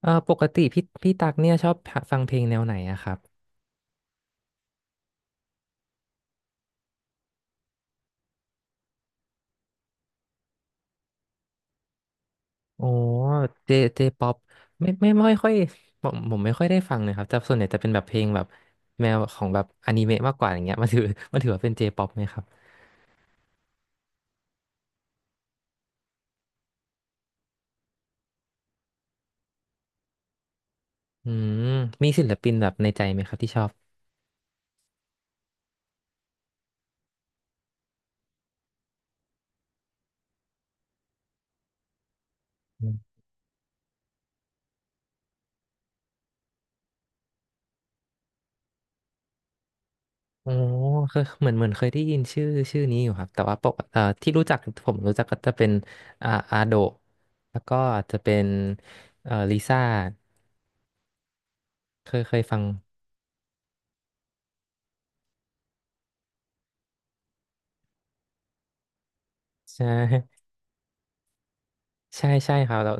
ปกติพี่ตักเนี่ยชอบฟังเพลงแนวไหนอะครับโอ้เจเจป๊อปไม่ค่อยผมไม่ค่อยได้ฟังเลยครับแต่ส่วนใหญ่จะเป็นแบบเพลงแบบแนวของแบบอนิเมะมากกว่าอย่างเงี้ยมันถือ มันถือว่าเป็นเจป๊อปไหมครับอืมมีศิลปินแบบในใจไหมครับที่ชอบอืมโอ้เคยเหมือนเคยได้ยินชื่อนี้อยู่ครับแต่ว่าปกเอ่อที่รู้จักผมรู้จักก็จะเป็นอาโดะแล้วก็จะเป็นลิซ่าเคยฟังใช่ ใช่ใช่ครับแล้ว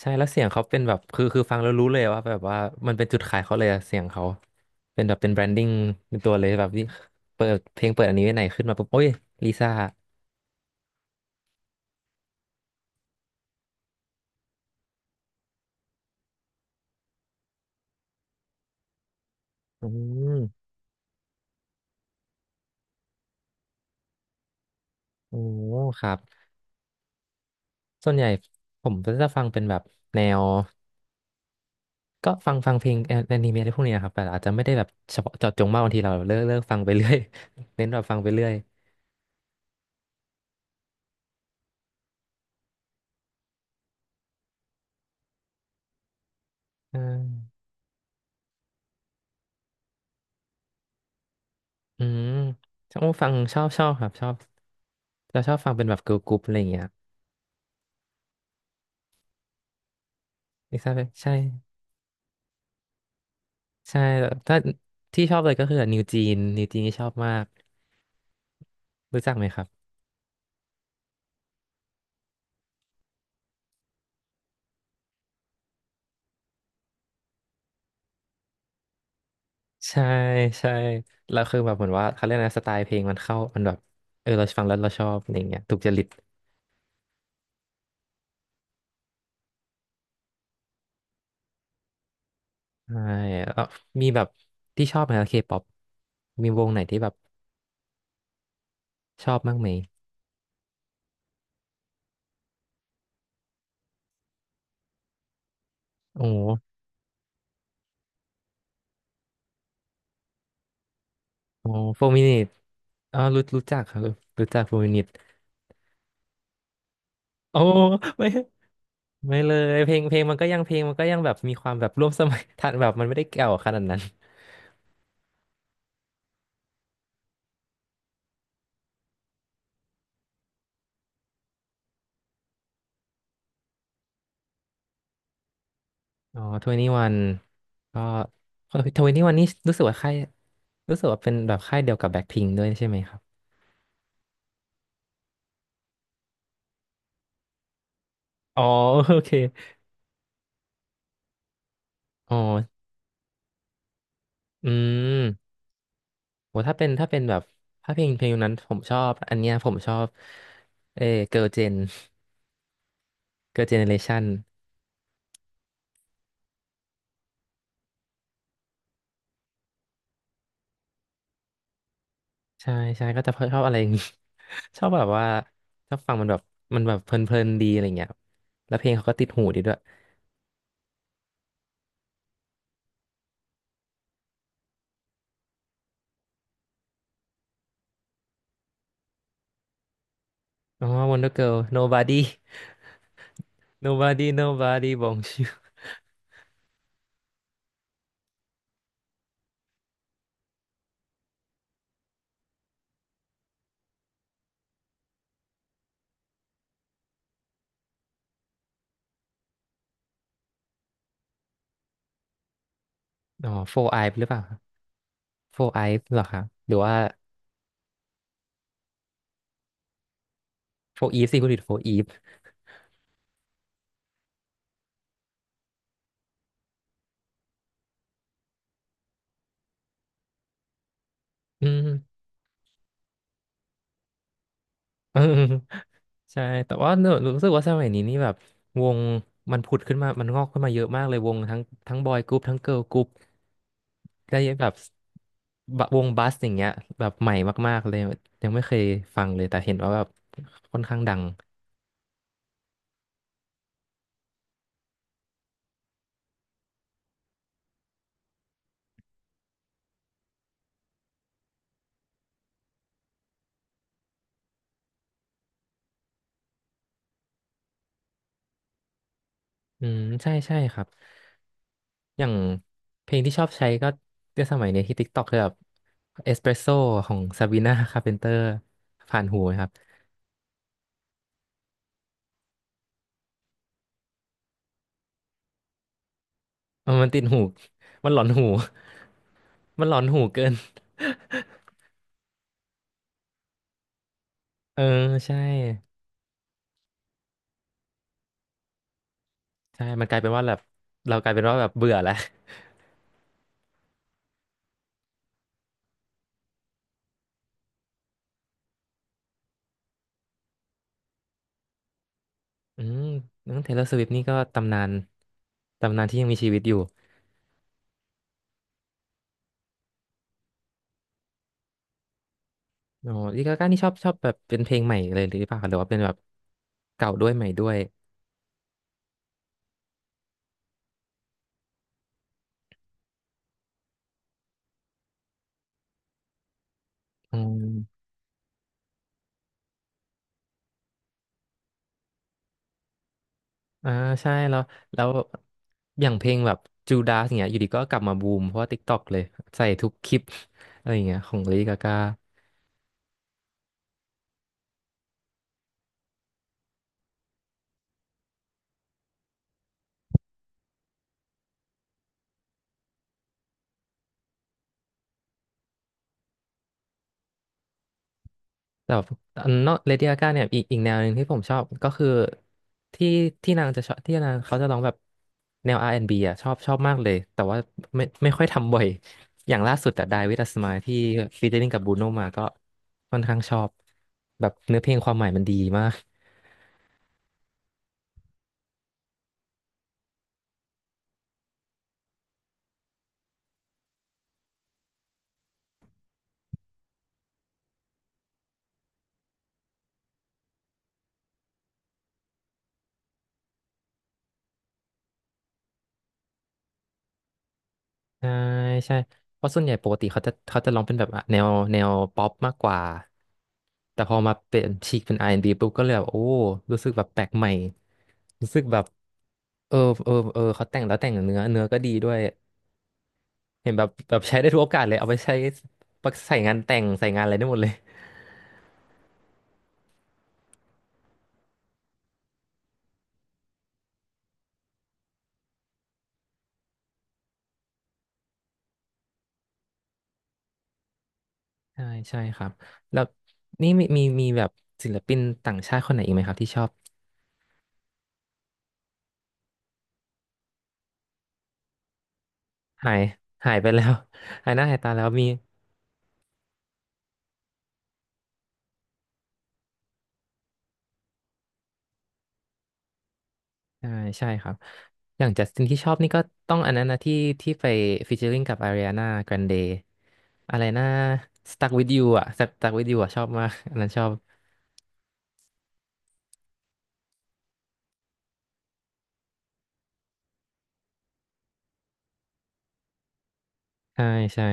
ใช่แล้วเสียงเขาเป็นแบบคือฟังแล้วรู้เลยว่าแบบว่ามันเป็นจุดขายเขาเลยอะเสียงเขาเป็นแบบเป็นแบรนดิ้งในตัวเลยแบบที่เปิดเพลงเปิดอันนี้ไว้ไหนขึ้นมาปุ๊บโอ้ยลิซ่าอืมโอ้ครับส่วนใหญ่ผมก็จะฟังเป็นแบบแนวก็ฟังเพลงแอนิเมะอะไรพวกนี้นะครับแต่อาจจะไม่ได้แบบเฉพาะเจาะจงมากบางทีเราเลิกฟังไปเรื่อย เน้นแบบฟังไปเรื่อยอ่าอืมชอบฟังชอบชอบครับชอบเราชอบฟังเป็นแบบเกิร์ลกรุ๊ปอะไรอย่างเงี้ยลิซ่าใช่ ใช่แบบถ้าที่ชอบเลยก็คือนิวจีนนิวจีนนี่ชอบมากรู้จักไหมครับใช่ใช่แล้วคือแบบเหมือนว่าเขาเรียกนะสไตล์เพลงมันเข้ามันแบบเออเราฟังแล้วเราชอบอะไรอย่างเงี้ยถูกจริตใช่แล้วมีแบบที่ชอบไหมเคป๊อปมีวงไหนที่แบบชอบบ้างไหมโอ้โหโอ้โฟร์มินิตอ๋อรู้จักครับรู้จักโฟร์มินิตโอ้ไม่ไม่เลยเพลงมันก็ยังเพลงมันก็ยังแบบมีความแบบร่วมสมัย ทันแบบมันไม่ได้เก่าขนาดนั้น อ๋อทเวนีวันก็ ทเวนีวันนี่รู้สึกว่าเป็นแบบค่ายเดียวกับแบ็คพิงด้วยใช่ไหมครับอ๋อโอเคอ๋ออืมโหถ้าเป็นถ้าเป็นแบบถ้าเพลงนั้นผมชอบอันเนี้ยผมชอบเอเกิร์ลเจนเกิร์ลเจเนเรชันใช่ใช่ก็จะชอบอะไรอย่าง งี้ ชอบแบบว่าชอบฟังมันแบบมันแบบเพลินๆดีอะไรเงี้ยแล้วเพลงเขาก็ติดหูดีด้วยอ๋อ Wonder Girl Nobody Nobody Nobody Bonjour อ๋อ Four Eye หรือเปล่า โฟร์ไอฟ์เหรอครับหรือว่าโฟร์อีฟสิคุณดิดโฟร์อีฟอืม เออใช่แต่ว่าหนูรู้สึกว่าสมัยนี้นี่แบบวงมันผุดขึ้นมามันงอกขึ้นมาเยอะมากเลยวงทั้งบอยกรุ๊ปทั้งเกิร์ลกรุ๊ปได้แบบบะวงบัสอย่างเงี้ยแบบใหม่มากๆเลยยังไม่เคยฟังเลยแต่เห็นว่าแบบค่อนข้างดังอืมใช่ใช่ครับอย่างเพลงที่ชอบใช้ก็ในสมัยเนี้ยที่ TikTok คือแบบเอสเปรสโซของซาบีนาคาร์เพนเตอร์ผ่านหูไหมครับ เออมันติดหู มันหลอนหู มันหลอนหูเกิน เออใช่ใช่มันกลายเป็นว่าแบบเรากลายเป็นว่าแบบเบื่อแล้วอืมน้องเทเลอร์สวิฟนี่ก็ตำนานตำนานที่ยังมีชีวิตอยู่อ๋อลิกาก้านี่ชอบแบบเป็นเพลงใหม่เลยหรือเปล่าหรือว่าเป็นแบบเก่าด้วยใหม่ด้วยอืมอ่าใช่แล้วอย่างเพลงแบบจูดาสเนี่ยอยู่ดีก็กลับมาบูมเพราะว่า TikTok เลยใส่ทุกคลิป อะไรอย่างเงี้ยของลิกาก้า แต่แบบนอกเลดี้กาก้าเนี่ยอีกแนวหนึ่งที่ผมชอบก็คือที่ที่นางจะชอบที่นางเขาจะร้องแบบแนว R&B อนด์บีอ่ะชอบมากเลยแต่ว่าไม่ค่อยทำบ่อยอย่างล่าสุดแต่ Die With A Smile ที่ฟีเจอริ่งกับบูโนมาก็ค่อนข้างชอบแบบเนื้อเพลงความหมายมันดีมาก ใช่ใช่เพราะส่วนใหญ่ปกติเขาจะร้องเป็นแบบแนวป๊อปมากกว่าแต่พอมาเปลี่ยนฉีกเป็น r ีปุ๊บก็เลยแบบโอ้รู้สึกแบบแปลกใหม่รู้สึกแบบเออเออเออเขาแต่งแล้วแต่งเนื้อก็ดีด้วยเห็นแบบใช้ได้ทุกโอกาสเลยเอาไปใช้ใส่งานแต่งใส่งานอะไรได้หมดเลยใช่ใช่ครับแล้วนี่มีแบบศิลปินต่างชาติคนไหนอีกไหมครับที่ชอบหายหายไปแล้ว หายหน้าหายตาแล้วมี ใช่ใช่ครับอย่างจัสตินที่ชอบนี่ก็ต้องอันนั้นนะที่ไปฟีเจอริงกับอาริอานาแกรนเดอะไรนะ Stuck with you อ่ะ Stuck with you อ่ะชอบมากอันนั้นชอบใช่ใช่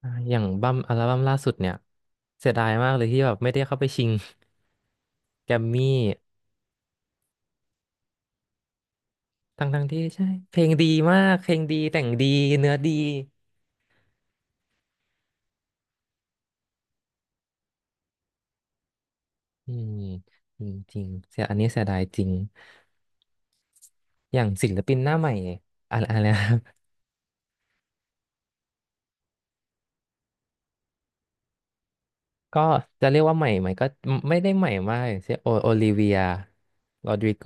อ่าอย่างอัลบั้มล่าสุดเนี่ยเสียดายมากเลยที่แบบไม่ได้เข้าไปชิงแกรมมี่ทั้งที่ใช่เพลงดีมากเพลงดีแต่งดีเนื้อดีอืมจริงจริงเสียอันนี้เสียดายจริงอย่างศิลปินหน้าใหม่อะไรอะไรนะ ก็จะเรียกว่าใหม่ไหมก็ไม่ได้ใหม่มากอย่างเช่นโอลิเวียโรดริโก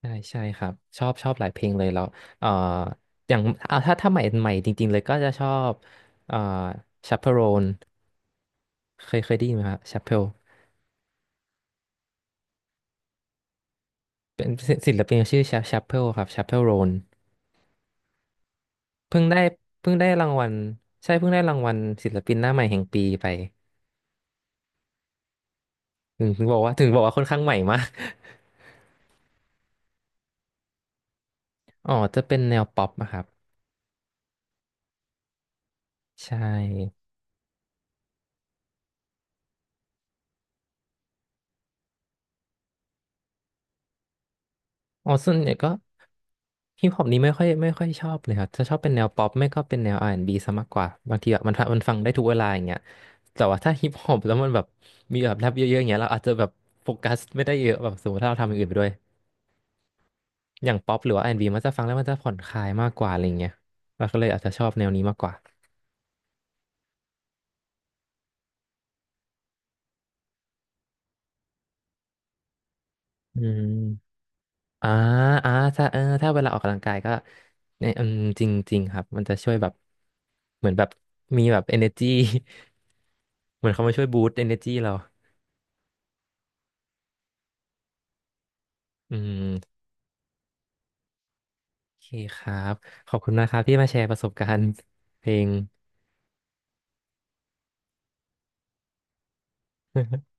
ใช่ใช่ครับชอบหลายเพลงเลยแล้วเอ่ออย่างเอาถ้าใหม่จริงๆเลยก็จะชอบเอ่อชาเปโรนเคยได้ยินไหมครับชาเปโรเป็นศิลปินชื่อชาเปโรครับชาเปโรนเพิ่งได้เพิ่งได้รางวัลใช่เพิ่งได้รางวัลศิลปินหน้าใหม่แห่งปีไปถึงบอกว่าค่อนข้างใหม่มาก อ๋อจะเป็นแนวป๊อปนะครับใช่อ๋อส่วนใหญ่ก็ ฮิปฮอปนี้ไม่ค่อยชอบเลยครับ จะชอบเป็นแนวป๊อปไม่ก็เป็นแนว R&B ซะมากกว่า บางทีแบบมันฟังได้ทุกเวลาอย่างเงี้ยแต่ว่าถ้าฮิปฮอปแล้วมันแบบมีแบบแรปเยอะๆอย่างเงี้ยเราอาจจะแบบโฟกัสไม่ได้เยอะแบบสมมติถ้าเราทำอย่างอื่นไปด้วยอย่างป๊อปหรือว่า R&B มันจะฟังแล้วมันจะผ่อนคลายมากกว่าอะไรเงี้ยเราก็เลยอาจจะชอบแนวนี้มากกว่าอืมอ่าอ่าถ้าถ้าเวลาออกกำลังกายก็เนี่ยอืมจริงจริงครับมันจะช่วยแบบเหมือนแบบมีแบบ energy เหมือนเขามาช่วยบูสต์ energy เราอืม โอเคครับ ขอบคุณนะครับที่มาแชร์ประสบการณ์เพลง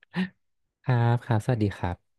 ครับครับสวัสดีครับ